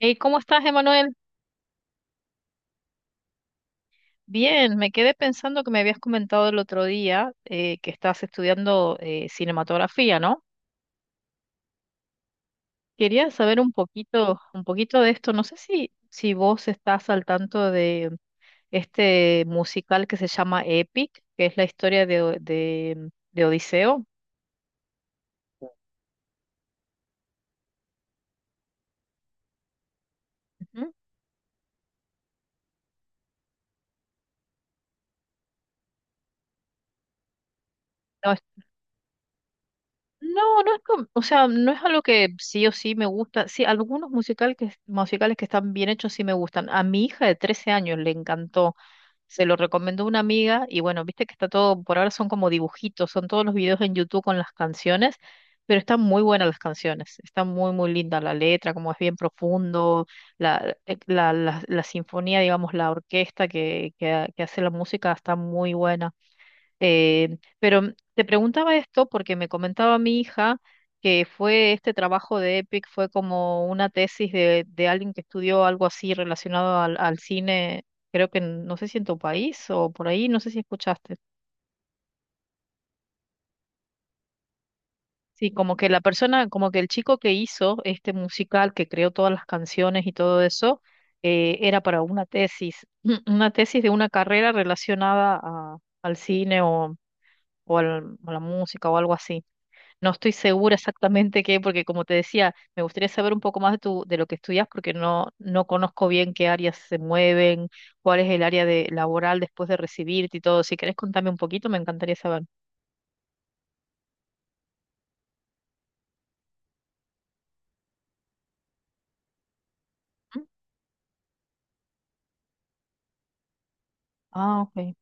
Hey, ¿cómo estás, Emanuel? Bien, me quedé pensando que me habías comentado el otro día que estás estudiando cinematografía, ¿no? Quería saber un poquito de esto. No sé si vos estás al tanto de este musical que se llama Epic, que es la historia de, de Odiseo. Ujú. No, No, no es o sea, no es algo que sí o sí me gusta. Sí, algunos musicales que están bien hechos sí me gustan. A mi hija de 13 años le encantó. Se lo recomendó una amiga y bueno, viste que está todo, por ahora son como dibujitos, son todos los videos en YouTube con las canciones, pero están muy buenas las canciones. Está muy, muy linda la letra, como es bien profundo, la sinfonía, digamos, la orquesta que hace la música está muy buena. Pero te preguntaba esto porque me comentaba mi hija que fue este trabajo de EPIC, fue como una tesis de alguien que estudió algo así relacionado al cine, creo que no sé si en tu país o por ahí, no sé si escuchaste. Sí, como que la persona, como que el chico que hizo este musical, que creó todas las canciones y todo eso, era para una tesis, una tesis de una carrera relacionada al cine o, a la música o algo así. No estoy segura exactamente qué, porque como te decía, me gustaría saber un poco más de de lo que estudias, porque no conozco bien qué áreas se mueven, cuál es el área de laboral después de recibirte y todo. Si querés contarme un poquito, me encantaría saber. Ujú. Ah, ok.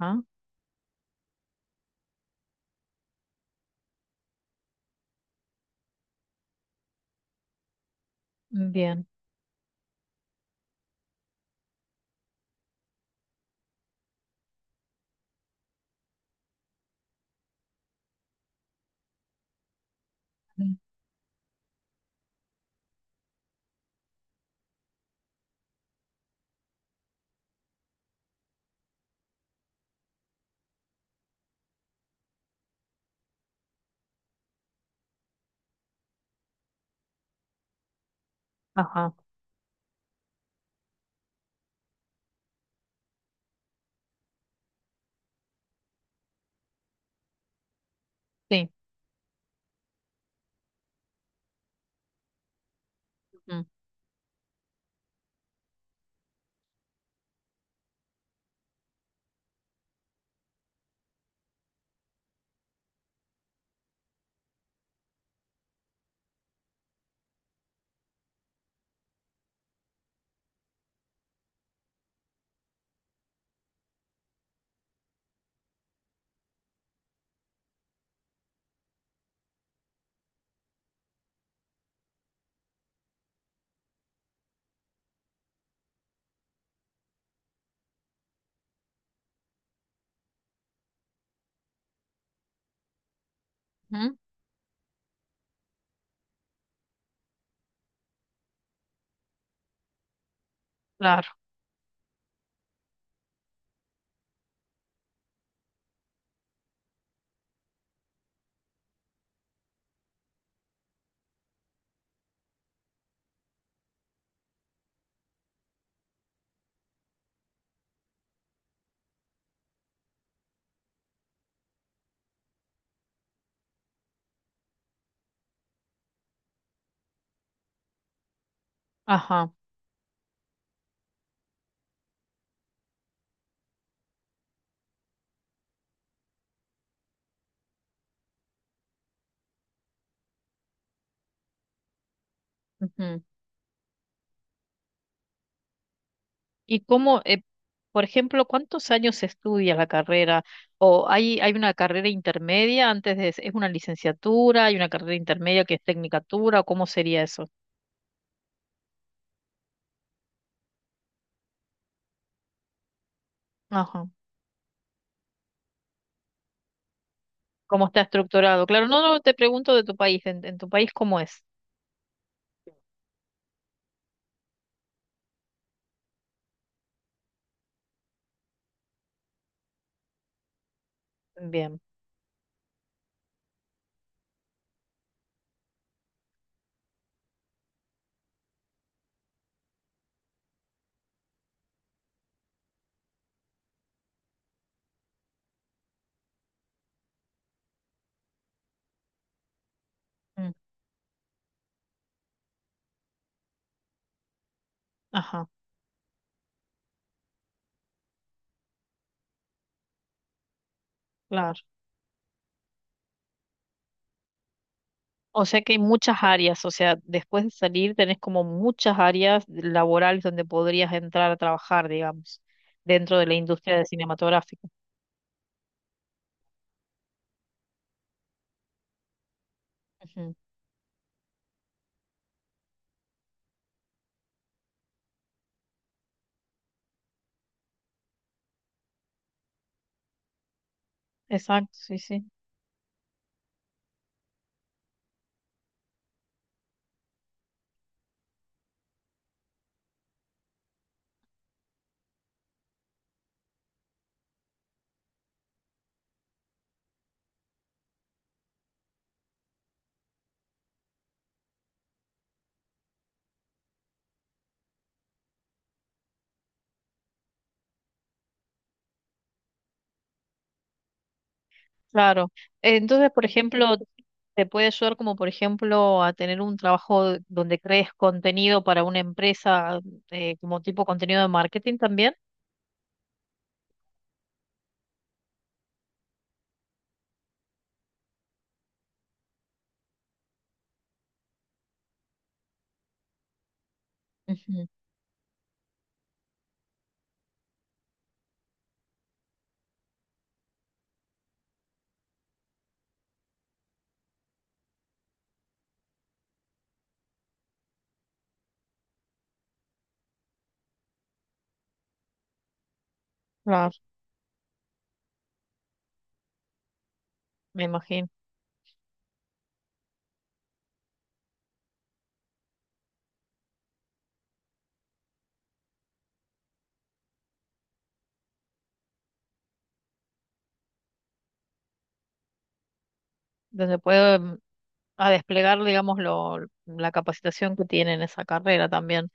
Ah, bien. Mm. Ajá. Sí. Ujú. Ujú. Claro. Ajá. Ujú. ¿Y cómo, por ejemplo, cuántos años se estudia la carrera? ¿O hay una carrera intermedia antes de, es una licenciatura, hay una carrera intermedia que es tecnicatura, o cómo sería eso? Ajá. ¿Cómo está estructurado? Claro, no, no, te pregunto de tu país, en tu país cómo es. Bien. Mm, ajá, claro. O sea que hay muchas áreas, o sea, después de salir tenés como muchas áreas laborales donde podrías entrar a trabajar, digamos, dentro de la industria de cinematográfica. Ujú. Exacto, sí, sí. Claro. Entonces, por ejemplo, te puede ayudar como, por ejemplo, a tener un trabajo donde crees contenido para una empresa, como tipo contenido de marketing también. Ujú, claro, me imagino. Donde puede mm, a desplegar, digamos, la capacitación que tiene en esa carrera también.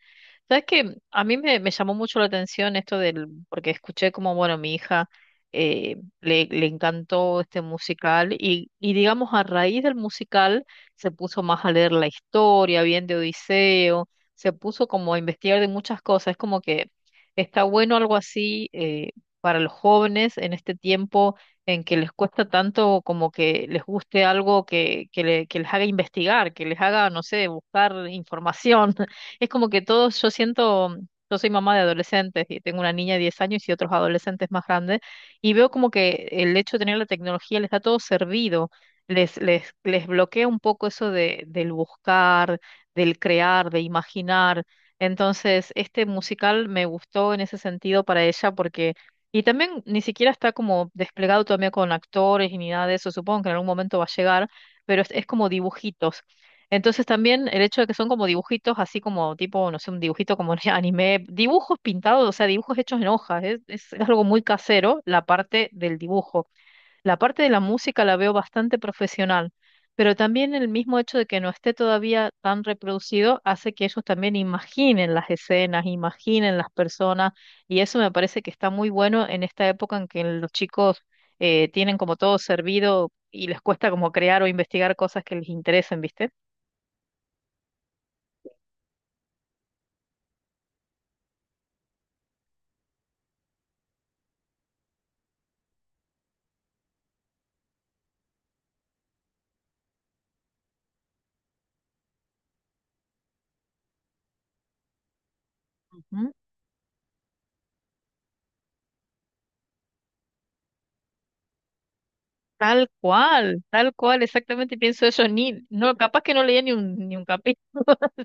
Sabes que a me llamó mucho la atención esto del, porque escuché como, bueno, mi hija eh, le encantó este musical y digamos a raíz del musical se puso más a leer la historia, bien de Odiseo, se puso como a investigar de muchas cosas, es como que está bueno algo así para los jóvenes en este tiempo en que les cuesta tanto como que les guste algo que les haga investigar, que les haga, no sé, buscar información. Es como que todos, yo siento, yo soy mamá de adolescentes y tengo una niña de 10 años y otros adolescentes más grandes, y veo como que el hecho de tener la tecnología les da todo servido, les bloquea un poco eso del buscar, del crear, de imaginar. Entonces, este musical me gustó en ese sentido para ella porque, y también ni siquiera está como desplegado todavía con actores y ni nada de eso, supongo que en algún momento va a llegar, pero es como dibujitos. Entonces también el hecho de que son como dibujitos, así como tipo, no sé, un dibujito como de anime, dibujos pintados, o sea, dibujos hechos en hojas, es algo muy casero la parte del dibujo. La parte de la música la veo bastante profesional, pero también el mismo hecho de que no esté todavía tan reproducido hace que ellos también imaginen las escenas, imaginen las personas, y eso me parece que está muy bueno en esta época en que los chicos tienen como todo servido y les cuesta como crear o investigar cosas que les interesen, ¿viste? Ujú. Tal cual, exactamente pienso eso, ni, no, capaz que no leía ni un capítulo.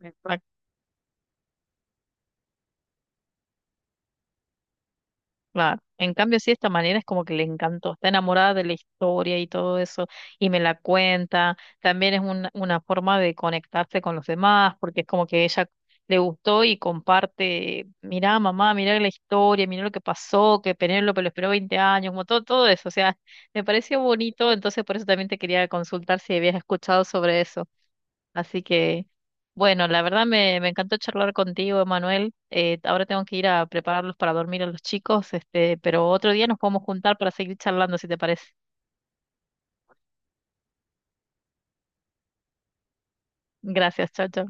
Sí, claro, claro. En cambio, sí, esta manera es como que le encantó, está enamorada de la historia y todo eso, y me la cuenta. También es una forma de conectarse con los demás, porque es como que ella le gustó y comparte, mirá mamá, mirá la historia, mirá lo que pasó, que Penélope lo esperó 20 años, como todo, todo eso. O sea, me pareció bonito, entonces por eso también te quería consultar si habías escuchado sobre eso. Así que, bueno, la verdad me encantó charlar contigo, Emanuel. Ahora tengo que ir a prepararlos para dormir a los chicos, este, pero otro día nos podemos juntar para seguir charlando, si te parece. Gracias, chao, chao.